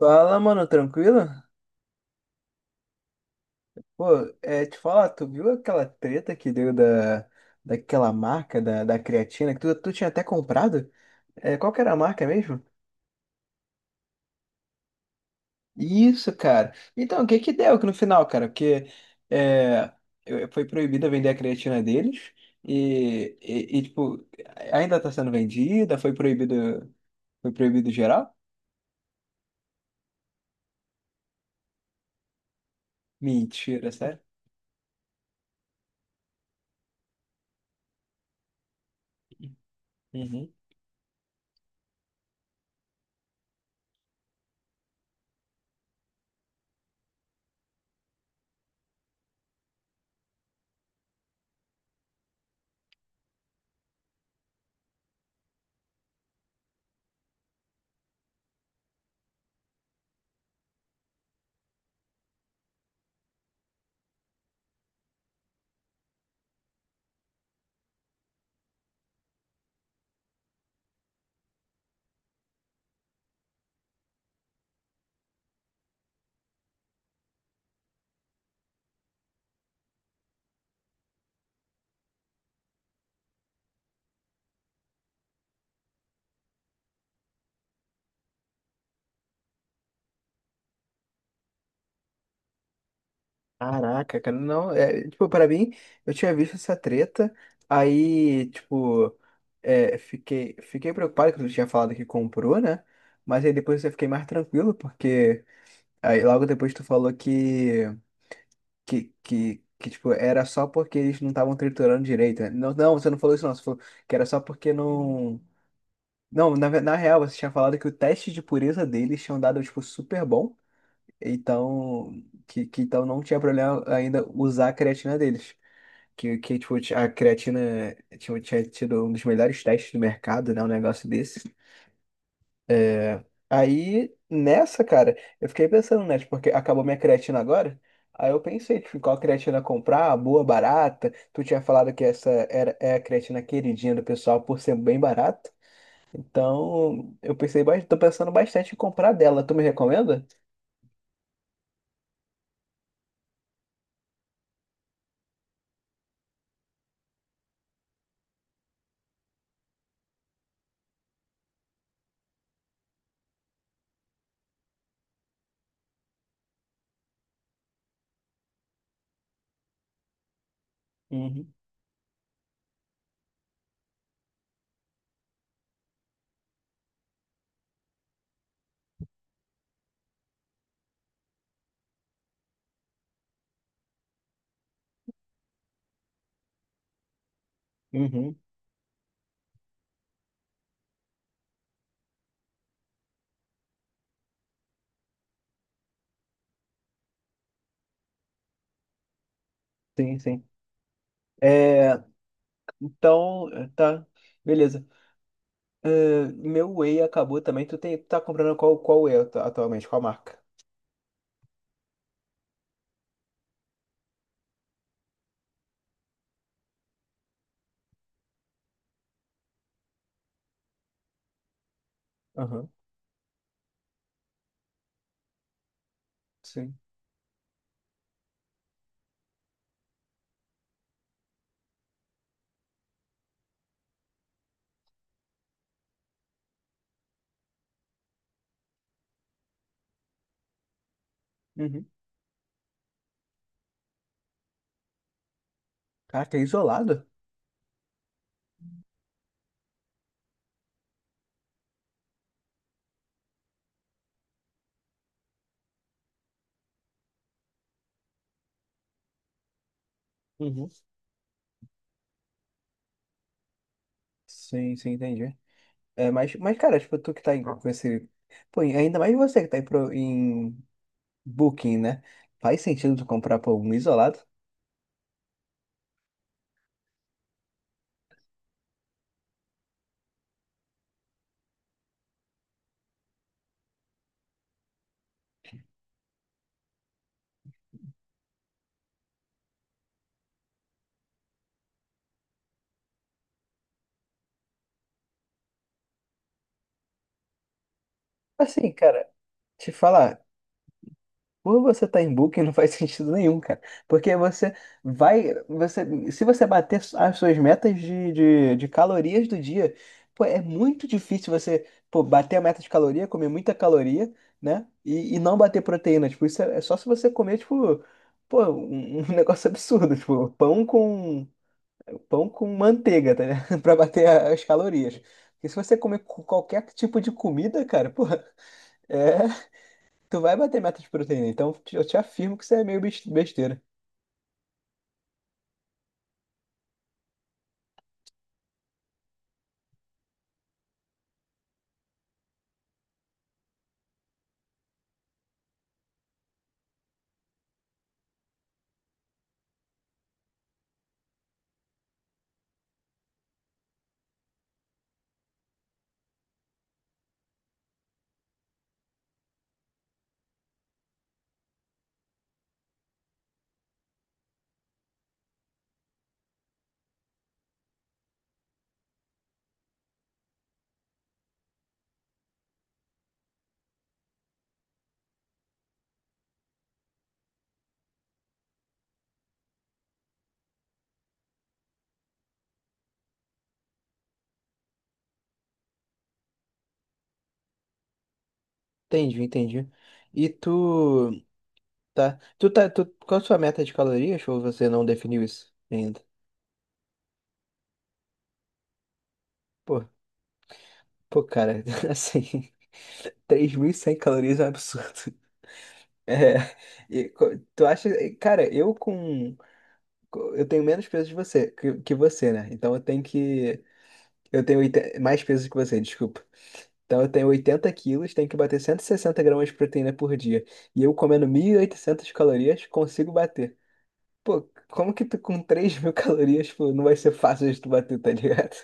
Fala, mano, tranquilo? Pô, te falar, tu viu aquela treta que deu daquela marca da creatina que tu tinha até comprado? É, qual que era a marca mesmo? Isso, cara. Então, o que que deu que no final, cara? Porque é, foi proibida vender a creatina deles tipo, ainda tá sendo vendida, foi proibido geral? Mentira, sério? Caraca, cara, não, é, tipo, pra mim, eu tinha visto essa treta, aí, tipo, fiquei preocupado que tu tinha falado que comprou, né? Mas aí depois eu fiquei mais tranquilo, porque aí logo depois tu falou que tipo, era só porque eles não estavam triturando direito, né? Não, não, você não falou isso não, você falou que era só porque não... Não, na real, você tinha falado que o teste de pureza deles tinham dado, tipo, super bom, então que então não tinha problema ainda usar a creatina deles. Que tipo, a creatina tinha tido um dos melhores testes do mercado, né? Um negócio desse. É, Aí, nessa, cara, eu fiquei pensando, né? Tipo, porque acabou minha creatina agora. Aí eu pensei, tipo, qual creatina comprar, boa, barata. Tu tinha falado que essa é a creatina queridinha do pessoal por ser bem barata. Então, eu pensei, tô pensando bastante em comprar dela. Tu me recomenda? Uhum, uhum, sim, sim. É, então, tá, beleza. Ah, meu Whey acabou também. Tu tá comprando qual, qual Whey atualmente? Qual marca? Aham, sim. Uhum. Caraca, é isolado? Uhum. Sim, sim, entendi. É, cara, tipo, tu que tá com esse. Pô, e ainda mais você que tá em Booking, né? Faz sentido tu comprar, pô, um isolado? Assim, cara, te falar. Quando você tá em booking, não faz sentido nenhum, cara. Porque você vai. Você, se você bater as suas metas de calorias do dia, pô, é muito difícil você, pô, bater a meta de caloria, comer muita caloria, né? E não bater proteína. Tipo, isso é só se você comer, tipo, pô, um, um negócio absurdo. Tipo, pão com manteiga, tá ligado? Pra bater as calorias. Porque se você comer qualquer tipo de comida, cara, pô, é. Tu vai bater meta de proteína, então eu te afirmo que isso é meio besteira. Entendi, entendi. E tu, qual a sua meta de calorias ou você não definiu isso ainda? Pô, pô, cara, assim, 3.100 calorias é um absurdo. É, tu acha, cara, eu tenho menos peso de você, que você, né? Então eu tenho 80 mais peso que você, desculpa. Então eu tenho 80 quilos, tenho que bater 160 gramas de proteína por dia. E eu comendo 1.800 calorias, consigo bater. Pô, como que tu com 3.000 calorias, pô, não vai ser fácil de tu bater, tá ligado?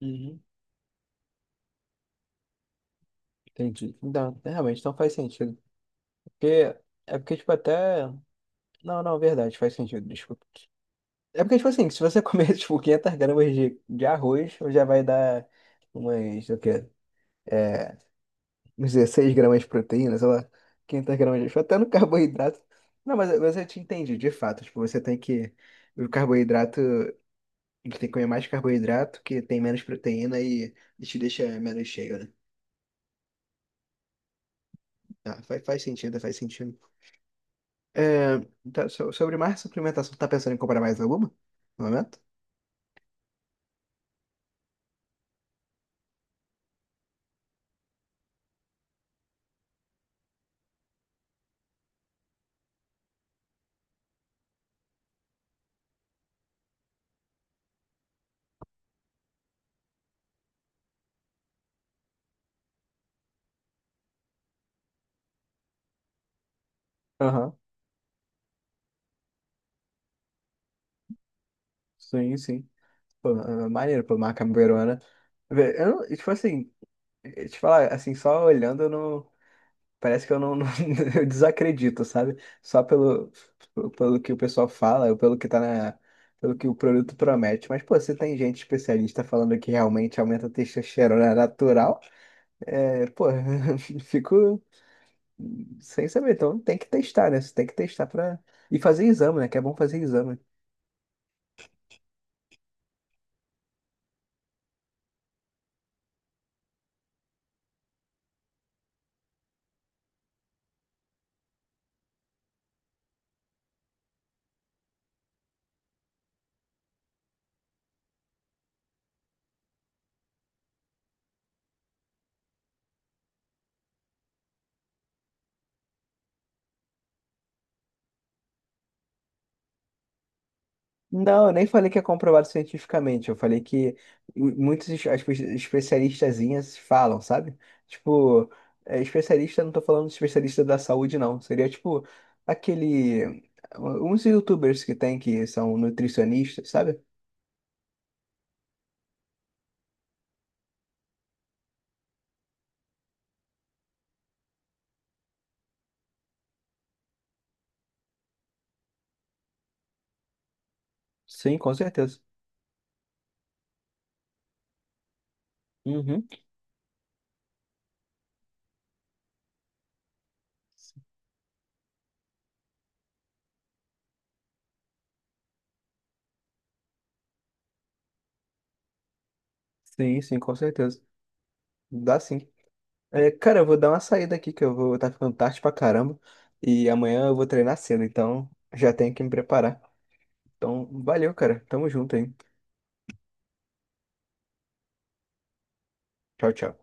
Uhum. Entendi. Então, realmente, não faz sentido. Porque, é porque, tipo, até... Não, não, verdade, faz sentido, desculpa. É porque, tipo assim, se você comer, tipo, 500 gramas de arroz, já vai dar umas, o quê? É, uns 16 gramas de proteína, sei lá, 500 gramas de... Até no carboidrato. Não, mas eu te entendi, de fato. Tipo, você tem que... O carboidrato... A tem que comer mais carboidrato, que tem menos proteína e te deixa menos cheio, né? Ah, faz sentido, faz sentido. É, tá, sobre mais suplementação, tá pensando em comprar mais alguma? No momento? Aham, sim, sim. Pô, maneiro, pô, uma cambuerona. Vê, eu não, tipo assim, te falar, assim, só olhando, eu não, parece que eu não, eu desacredito, sabe? Só pelo que o pessoal fala, ou pelo que tá na, pelo que o produto promete. Mas, pô, você tem gente especialista falando que realmente aumenta a testosterona natural, é, pô, fico sem saber. Então tem que testar, né? Você tem que testar pra. E fazer exame, né? Que é bom fazer exame. Não, eu nem falei que é comprovado cientificamente. Eu falei que muitos especialistazinhas falam, sabe? Tipo, é, especialista, não tô falando de especialista da saúde, não. Seria tipo aquele. Uns YouTubers que tem que são nutricionistas, sabe? Sim, com certeza. Uhum. Sim, sim, com certeza. Dá sim. É, cara, eu vou dar uma saída aqui que eu vou estar ficando tarde pra caramba. E amanhã eu vou treinar cedo, então já tenho que me preparar. Então, valeu, cara. Tamo junto, hein? Tchau, tchau.